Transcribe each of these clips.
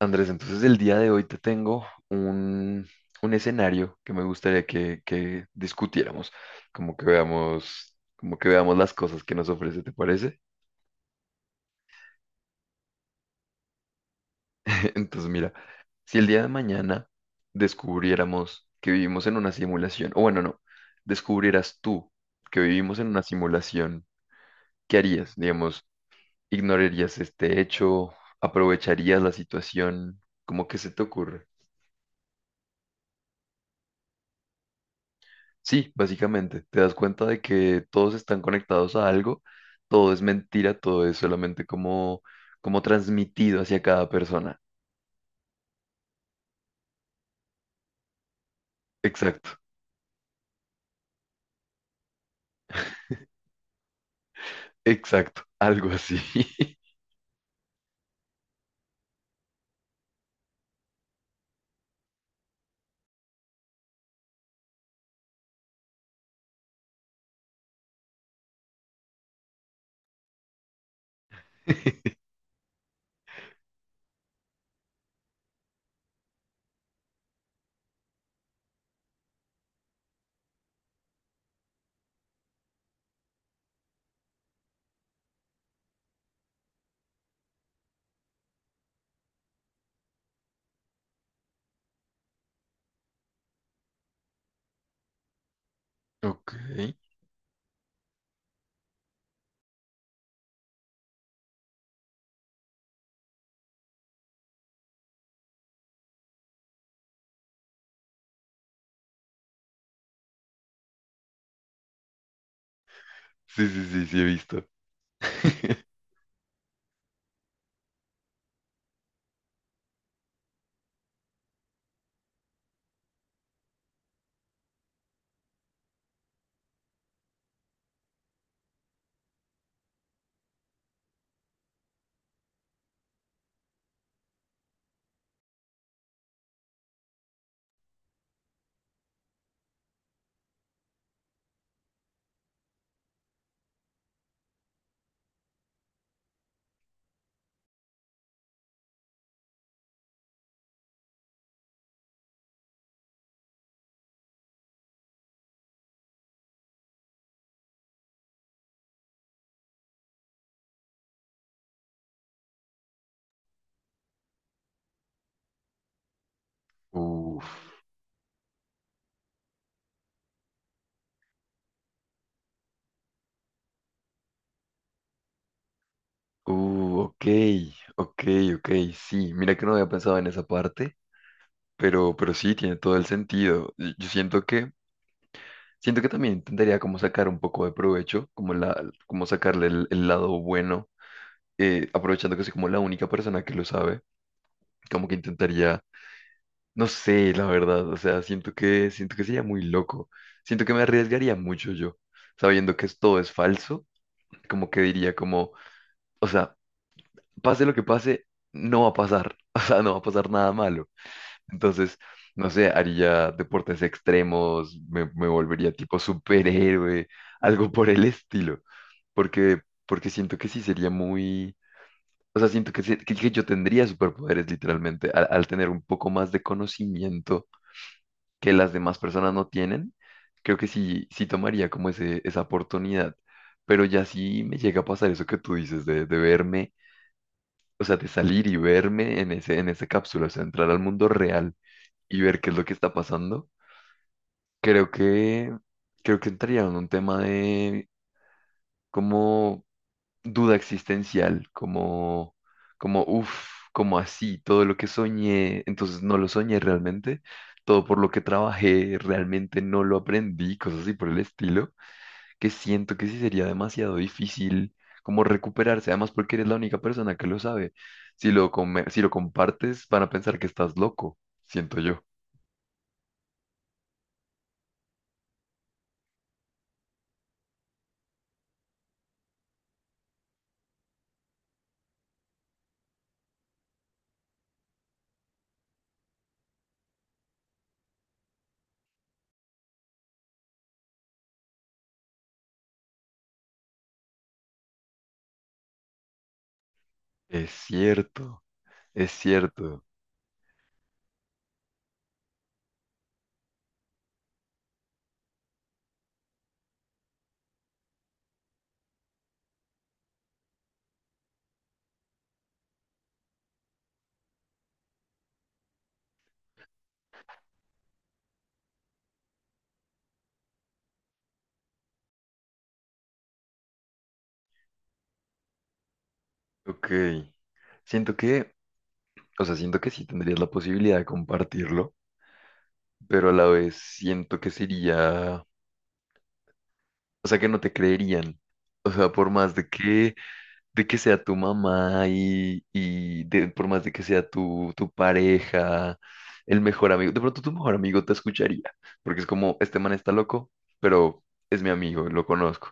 Andrés, entonces el día de hoy te tengo un escenario que me gustaría que discutiéramos, como que veamos las cosas que nos ofrece, ¿te parece? Entonces, mira, si el día de mañana descubriéramos que vivimos en una simulación, o bueno, no, descubrieras tú que vivimos en una simulación, ¿qué harías? Digamos, ¿ignorarías este hecho? ¿Aprovecharías la situación? ¿Cómo que se te ocurre? Sí, básicamente, te das cuenta de que todos están conectados a algo, todo es mentira, todo es solamente como transmitido hacia cada persona. Exacto, exacto, algo así. Ok, sí, sí, sí, sí, he visto. Uf, ok, ok, ok, sí, mira que no había pensado en esa parte, pero sí, tiene todo el sentido. Y yo siento siento que también intentaría como sacar un poco de provecho, como sacarle el lado bueno, aprovechando que soy como la única persona que lo sabe, como que intentaría, no sé, la verdad, o sea, siento siento que sería muy loco, siento que me arriesgaría mucho yo, sabiendo que todo es falso, como que diría como, o sea, pase lo que pase, no va a pasar, o sea, no va a pasar nada malo, entonces, no sé, haría deportes extremos, me volvería tipo superhéroe, algo por el estilo, porque, porque siento que sí sería muy... O sea, siento que yo tendría superpoderes literalmente al tener un poco más de conocimiento que las demás personas no tienen. Creo que sí, sí tomaría como esa oportunidad. Pero ya sí me llega a pasar eso que tú dices de verme, o sea, de salir y verme en en esa cápsula, o sea, entrar al mundo real y ver qué es lo que está pasando. Creo creo que entraría en un tema de cómo duda existencial, uff, como así, todo lo que soñé, entonces no lo soñé realmente, todo por lo que trabajé realmente no lo aprendí, cosas así por el estilo, que siento que sí sería demasiado difícil como recuperarse, además porque eres la única persona que lo sabe. Si si lo compartes, van a pensar que estás loco, siento yo. Es cierto, es cierto. Ok. Siento que, o sea, siento que sí tendrías la posibilidad de compartirlo, pero a la vez siento que sería, o sea, que no te creerían. O sea, por más de que sea tu mamá y, por más de que sea tu pareja, el mejor amigo, de pronto tu mejor amigo te escucharía, porque es como, este man está loco, pero es mi amigo, lo conozco.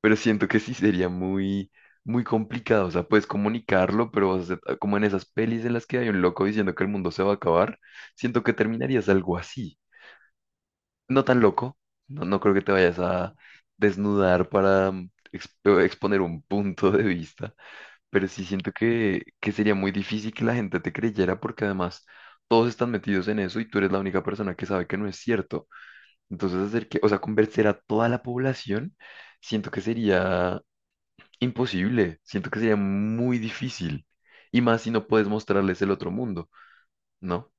Pero siento que sí sería muy complicado, o sea, puedes comunicarlo, pero como en esas pelis en las que hay un loco diciendo que el mundo se va a acabar, siento que terminarías algo así. No tan loco, no, no creo que te vayas a desnudar para exponer un punto de vista, pero sí siento que sería muy difícil que la gente te creyera porque además todos están metidos en eso y tú eres la única persona que sabe que no es cierto. Entonces hacer que, o sea, convencer a toda la población, siento que sería imposible, siento que sería muy difícil y más si no puedes mostrarles el otro mundo, ¿no?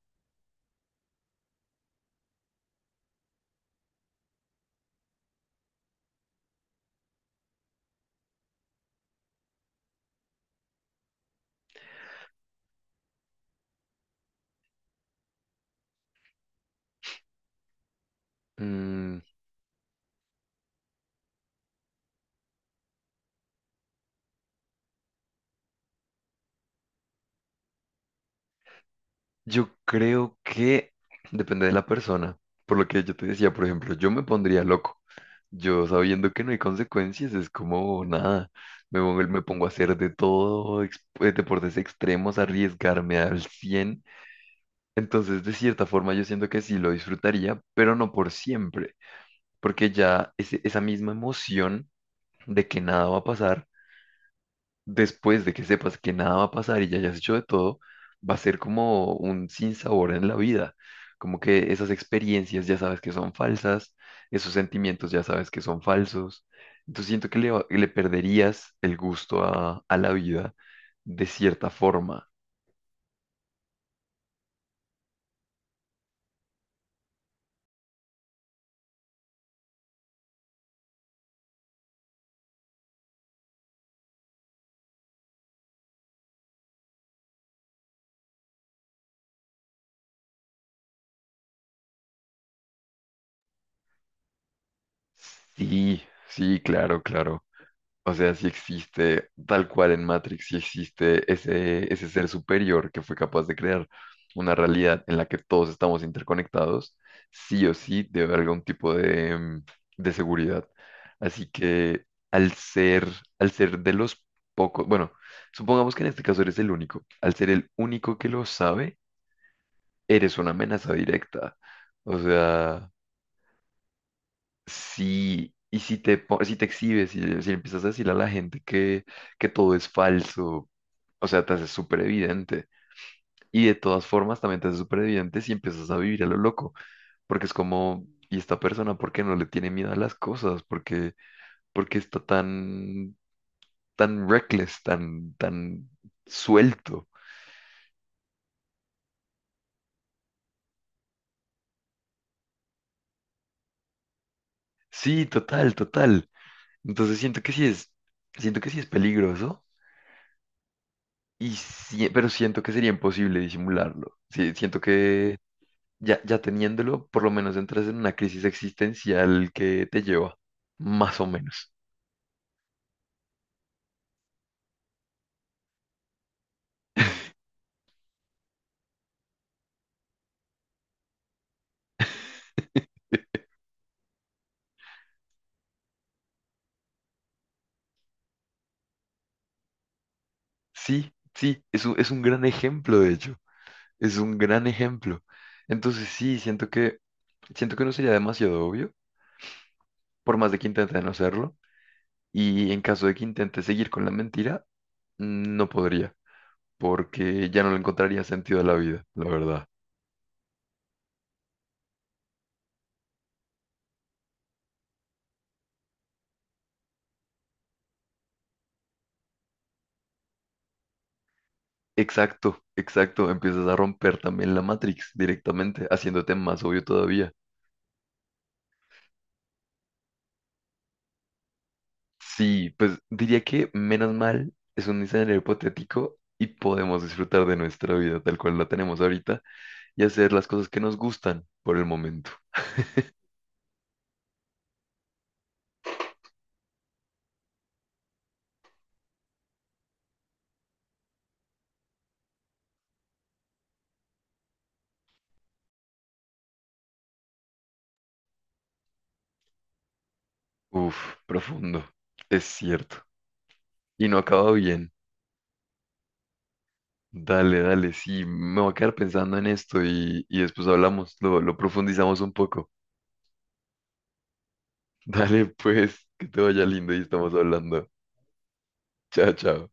Mm, yo creo que depende de la persona. Por lo que yo te decía, por ejemplo, yo me pondría loco. Yo sabiendo que no hay consecuencias, es como nada. Me pongo a hacer de todo, deportes extremos, arriesgarme al cien. Entonces, de cierta forma, yo siento que sí lo disfrutaría, pero no por siempre, porque ya esa misma emoción de que nada va a pasar después de que sepas que nada va a pasar y ya hayas hecho de todo, va a ser como un sinsabor en la vida. Como que esas experiencias ya sabes que son falsas, esos sentimientos ya sabes que son falsos. Entonces siento que le perderías el gusto a la vida de cierta forma. Sí, sí, claro, claro. O sea, si existe, tal cual en Matrix, si existe ese ser superior que fue capaz de crear una realidad en la que todos estamos interconectados, sí o sí debe haber algún tipo de, mm, de seguridad. Así que al ser, al ser de los pocos, bueno, supongamos que en este caso eres el único, al ser el único que lo sabe, eres una amenaza directa. O sea... Sí, y si si te exhibes, si empiezas a decirle a la gente que todo es falso, o sea, te haces súper evidente. Y de todas formas también te haces súper evidente si empiezas a vivir a lo loco, porque es como, ¿y esta persona por qué no le tiene miedo a las cosas? Por qué está tan, tan reckless, tan suelto? Sí, total, total. Entonces siento que sí es, siento que sí es peligroso. Pero siento que sería imposible disimularlo. Sí, siento que ya, ya teniéndolo, por lo menos entras en una crisis existencial que te lleva, más o menos. Sí, sí, es es un gran ejemplo, de hecho, es un gran ejemplo. Entonces sí, siento siento que no sería demasiado obvio, por más de que intente no hacerlo, y en caso de que intente seguir con la mentira, no podría, porque ya no le encontraría sentido a la vida, la verdad. Exacto, exacto, empiezas a romper también la Matrix directamente, haciéndote más obvio todavía. Sí, pues diría que menos mal es un escenario hipotético y podemos disfrutar de nuestra vida tal cual la tenemos ahorita y hacer las cosas que nos gustan por el momento. Uf, profundo, es cierto. Y no acaba bien. Dale, dale, sí, me voy a quedar pensando en esto y después hablamos, lo profundizamos un poco. Dale, pues, que te vaya lindo y estamos hablando. Chao, chao.